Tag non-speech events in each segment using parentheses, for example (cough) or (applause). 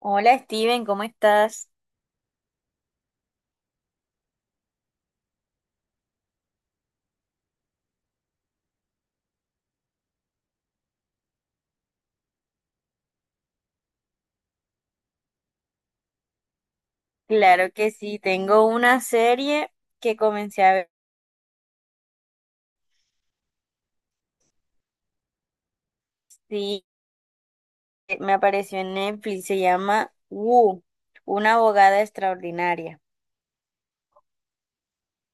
Hola Steven, ¿cómo estás? Claro que sí, tengo una serie que comencé a ver, sí, me apareció en Netflix, se llama Wu, una abogada extraordinaria.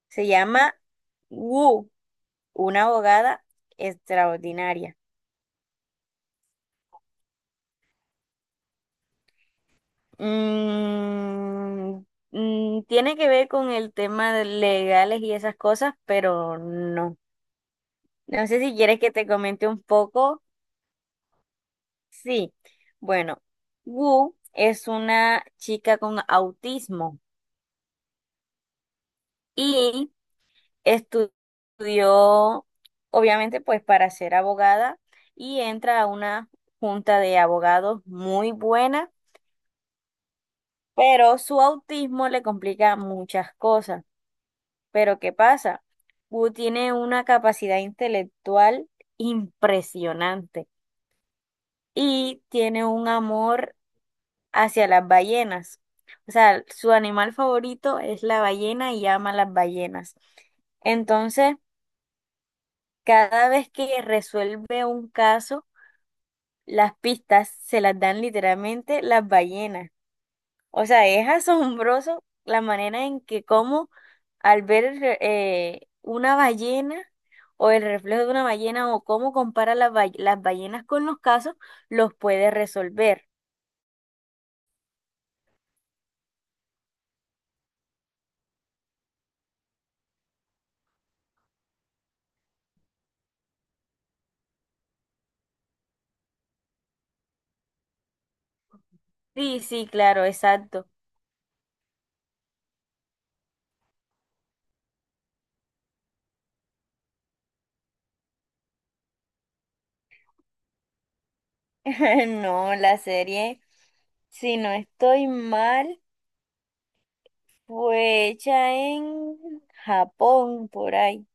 Se llama Wu, una abogada extraordinaria. Mm, tiene que ver con el tema de legales y esas cosas, pero no. No sé si quieres que te comente un poco. Sí, bueno, Wu es una chica con autismo y estu- estudió, obviamente, pues para ser abogada y entra a una junta de abogados muy buena, pero su autismo le complica muchas cosas. Pero ¿qué pasa? Wu tiene una capacidad intelectual impresionante y tiene un amor hacia las ballenas. O sea, su animal favorito es la ballena y ama las ballenas. Entonces, cada vez que resuelve un caso, las pistas se las dan literalmente las ballenas. O sea, es asombroso la manera en que como al ver una ballena o el reflejo de una ballena o cómo compara las ballenas con los casos, los puede resolver. Sí, sí, claro, exacto. (laughs) No, la serie, si no estoy mal, fue hecha en Japón, por ahí.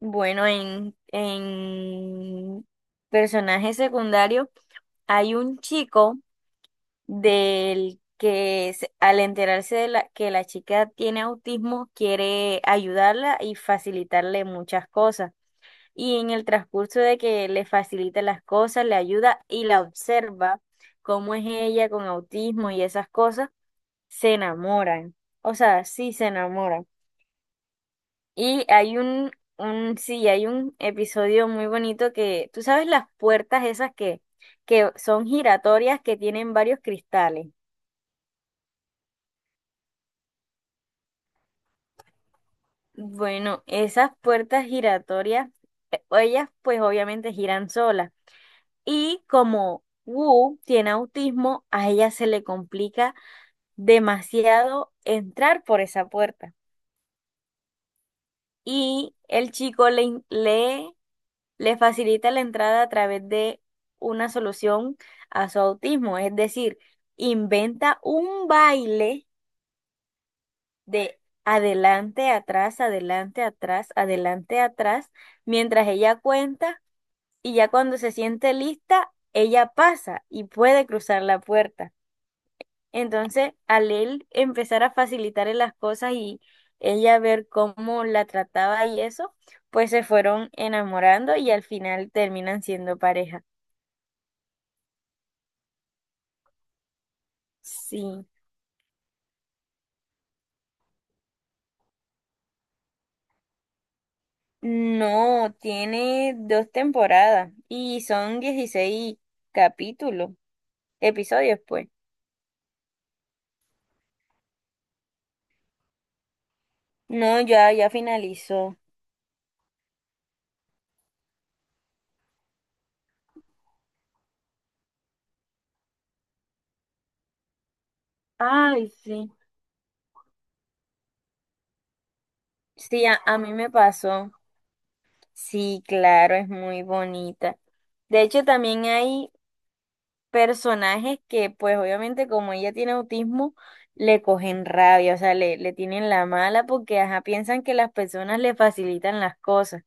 Bueno, en personaje secundario hay un chico al enterarse que la chica tiene autismo, quiere ayudarla y facilitarle muchas cosas. Y en el transcurso de que le facilita las cosas, le ayuda y la observa cómo es ella con autismo y esas cosas, se enamoran. O sea, sí se enamoran. Y hay sí, hay un episodio muy bonito que, tú sabes las puertas esas que son giratorias que tienen varios cristales. Bueno, esas puertas giratorias, ellas pues obviamente giran solas. Y como Wu tiene autismo, a ella se le complica demasiado entrar por esa puerta. Y el chico le facilita la entrada a través de una solución a su autismo. Es decir, inventa un baile de adelante, atrás, adelante, atrás, adelante, atrás, mientras ella cuenta y ya cuando se siente lista, ella pasa y puede cruzar la puerta. Entonces, al él empezar a facilitarle las cosas y ella ver cómo la trataba y eso, pues se fueron enamorando y al final terminan siendo pareja. Sí. No, tiene dos temporadas y son 16 capítulos, episodios, pues. No, ya, ya finalizó. Ay, sí. Sí, a mí me pasó. Sí, claro, es muy bonita. De hecho, también hay personajes que pues obviamente como ella tiene autismo le cogen rabia, o sea, le tienen la mala porque ajá, piensan que las personas le facilitan las cosas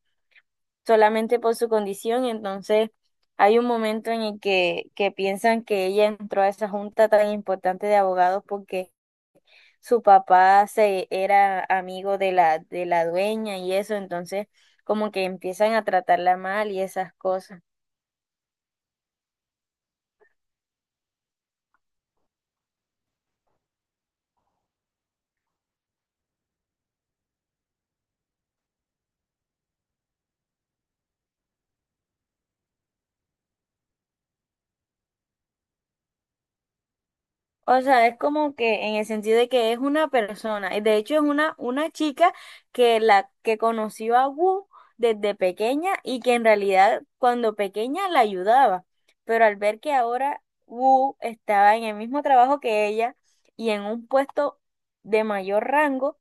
solamente por su condición, entonces hay un momento en el que piensan que ella entró a esa junta tan importante de abogados porque su papá se era amigo de la dueña y eso, entonces como que empiezan a tratarla mal y esas cosas. O sea, es como que en el sentido de que es una persona, y de hecho es una chica que la que conoció a Wu desde pequeña y que en realidad cuando pequeña la ayudaba, pero al ver que ahora Wu estaba en el mismo trabajo que ella y en un puesto de mayor rango,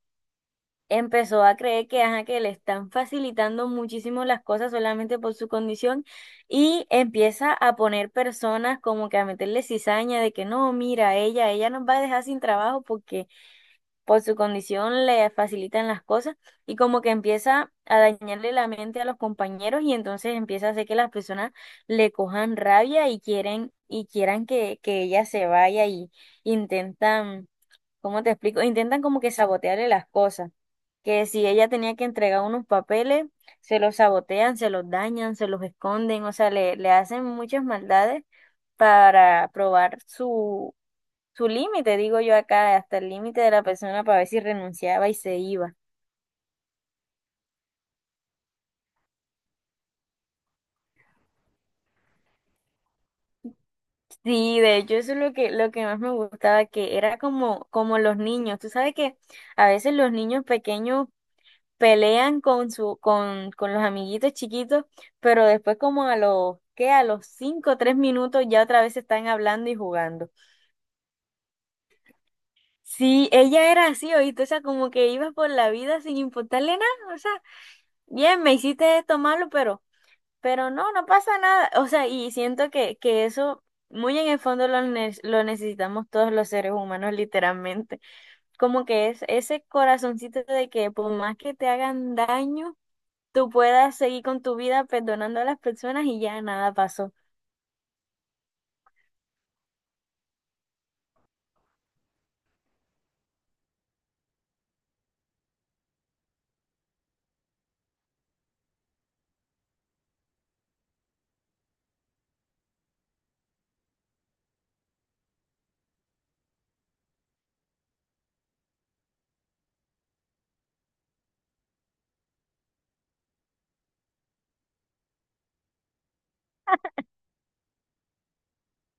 empezó a creer que, ajá, que le están facilitando muchísimo las cosas solamente por su condición y empieza a poner personas como que a meterle cizaña de que no, mira, ella nos va a dejar sin trabajo porque por su condición le facilitan las cosas y como que empieza a dañarle la mente a los compañeros y entonces empieza a hacer que las personas le cojan rabia y quieren y quieran que ella se vaya y intentan, ¿cómo te explico? Intentan como que sabotearle las cosas que si ella tenía que entregar unos papeles, se los sabotean, se los dañan, se los esconden, o sea, le hacen muchas maldades para probar su límite, digo yo acá, hasta el límite de la persona para ver si renunciaba y se iba. Sí, de hecho eso es lo que más me gustaba, que era como los niños, tú sabes que a veces los niños pequeños pelean con los amiguitos chiquitos, pero después como a los, ¿qué? A los 5 o 3 minutos ya otra vez están hablando y jugando. Sí, ella era así, oíste, o sea, como que ibas por la vida sin importarle nada, o sea, bien, me hiciste esto malo, pero, no, no pasa nada, o sea, y siento que eso muy en el fondo lo necesitamos todos los seres humanos, literalmente, como que es ese corazoncito de que por más que te hagan daño, tú puedas seguir con tu vida perdonando a las personas y ya nada pasó.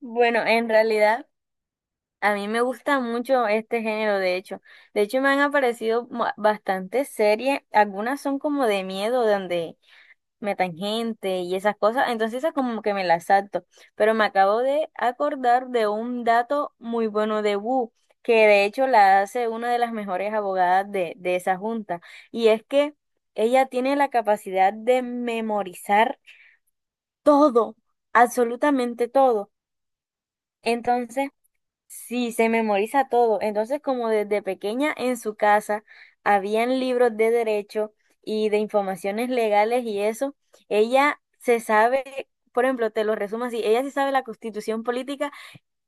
Bueno, en realidad a mí me gusta mucho este género, de hecho. De hecho me han aparecido bastantes series, algunas son como de miedo, donde metan gente y esas cosas, entonces esas como que me las salto. Pero me acabo de acordar de un dato muy bueno de Wu, que de hecho la hace una de las mejores abogadas de esa junta, y es que ella tiene la capacidad de memorizar todo, absolutamente todo. Entonces, sí, se memoriza todo. Entonces, como desde pequeña en su casa habían libros de derecho y de informaciones legales y eso, ella se sabe, por ejemplo, te lo resumo así, ella se sabe la constitución política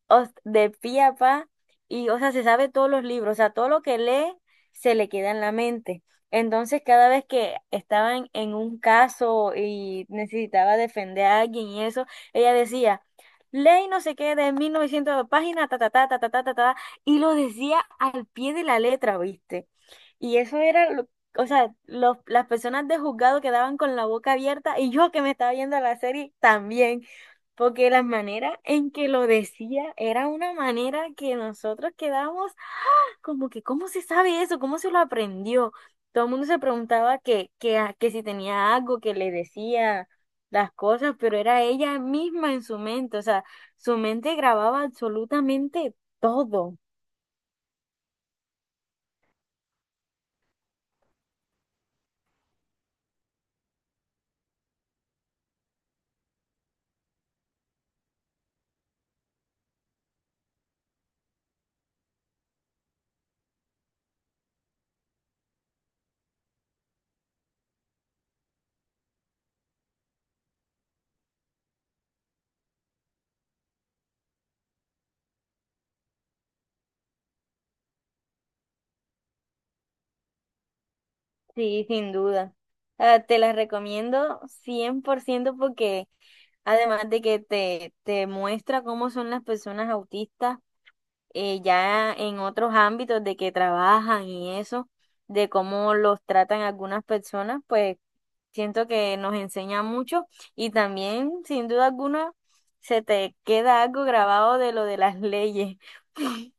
de pi a pa, y o sea, se sabe todos los libros, o sea, todo lo que lee se le queda en la mente. Entonces, cada vez que estaban en un caso y necesitaba defender a alguien y eso, ella decía, ley no sé qué de 1900 páginas, ta, ta, ta, ta, ta, ta, ta, ta, y lo decía al pie de la letra, ¿viste? Y eso era lo- O sea, las personas de juzgado quedaban con la boca abierta y yo que me estaba viendo la serie también. Porque la manera en que lo decía era una manera que nosotros quedamos como que, ¿cómo se sabe eso? ¿Cómo se lo aprendió? Todo el mundo se preguntaba que si tenía algo que le decía las cosas, pero era ella misma en su mente. O sea, su mente grababa absolutamente todo. Sí, sin duda. Ah, te la recomiendo 100% porque además de que te muestra cómo son las personas autistas, ya en otros ámbitos de que trabajan y eso, de cómo los tratan algunas personas, pues siento que nos enseña mucho y también, sin duda alguna, se te queda algo grabado de lo de las leyes. (laughs)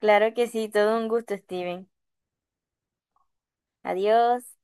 Claro que sí, todo un gusto, Steven. Adiós.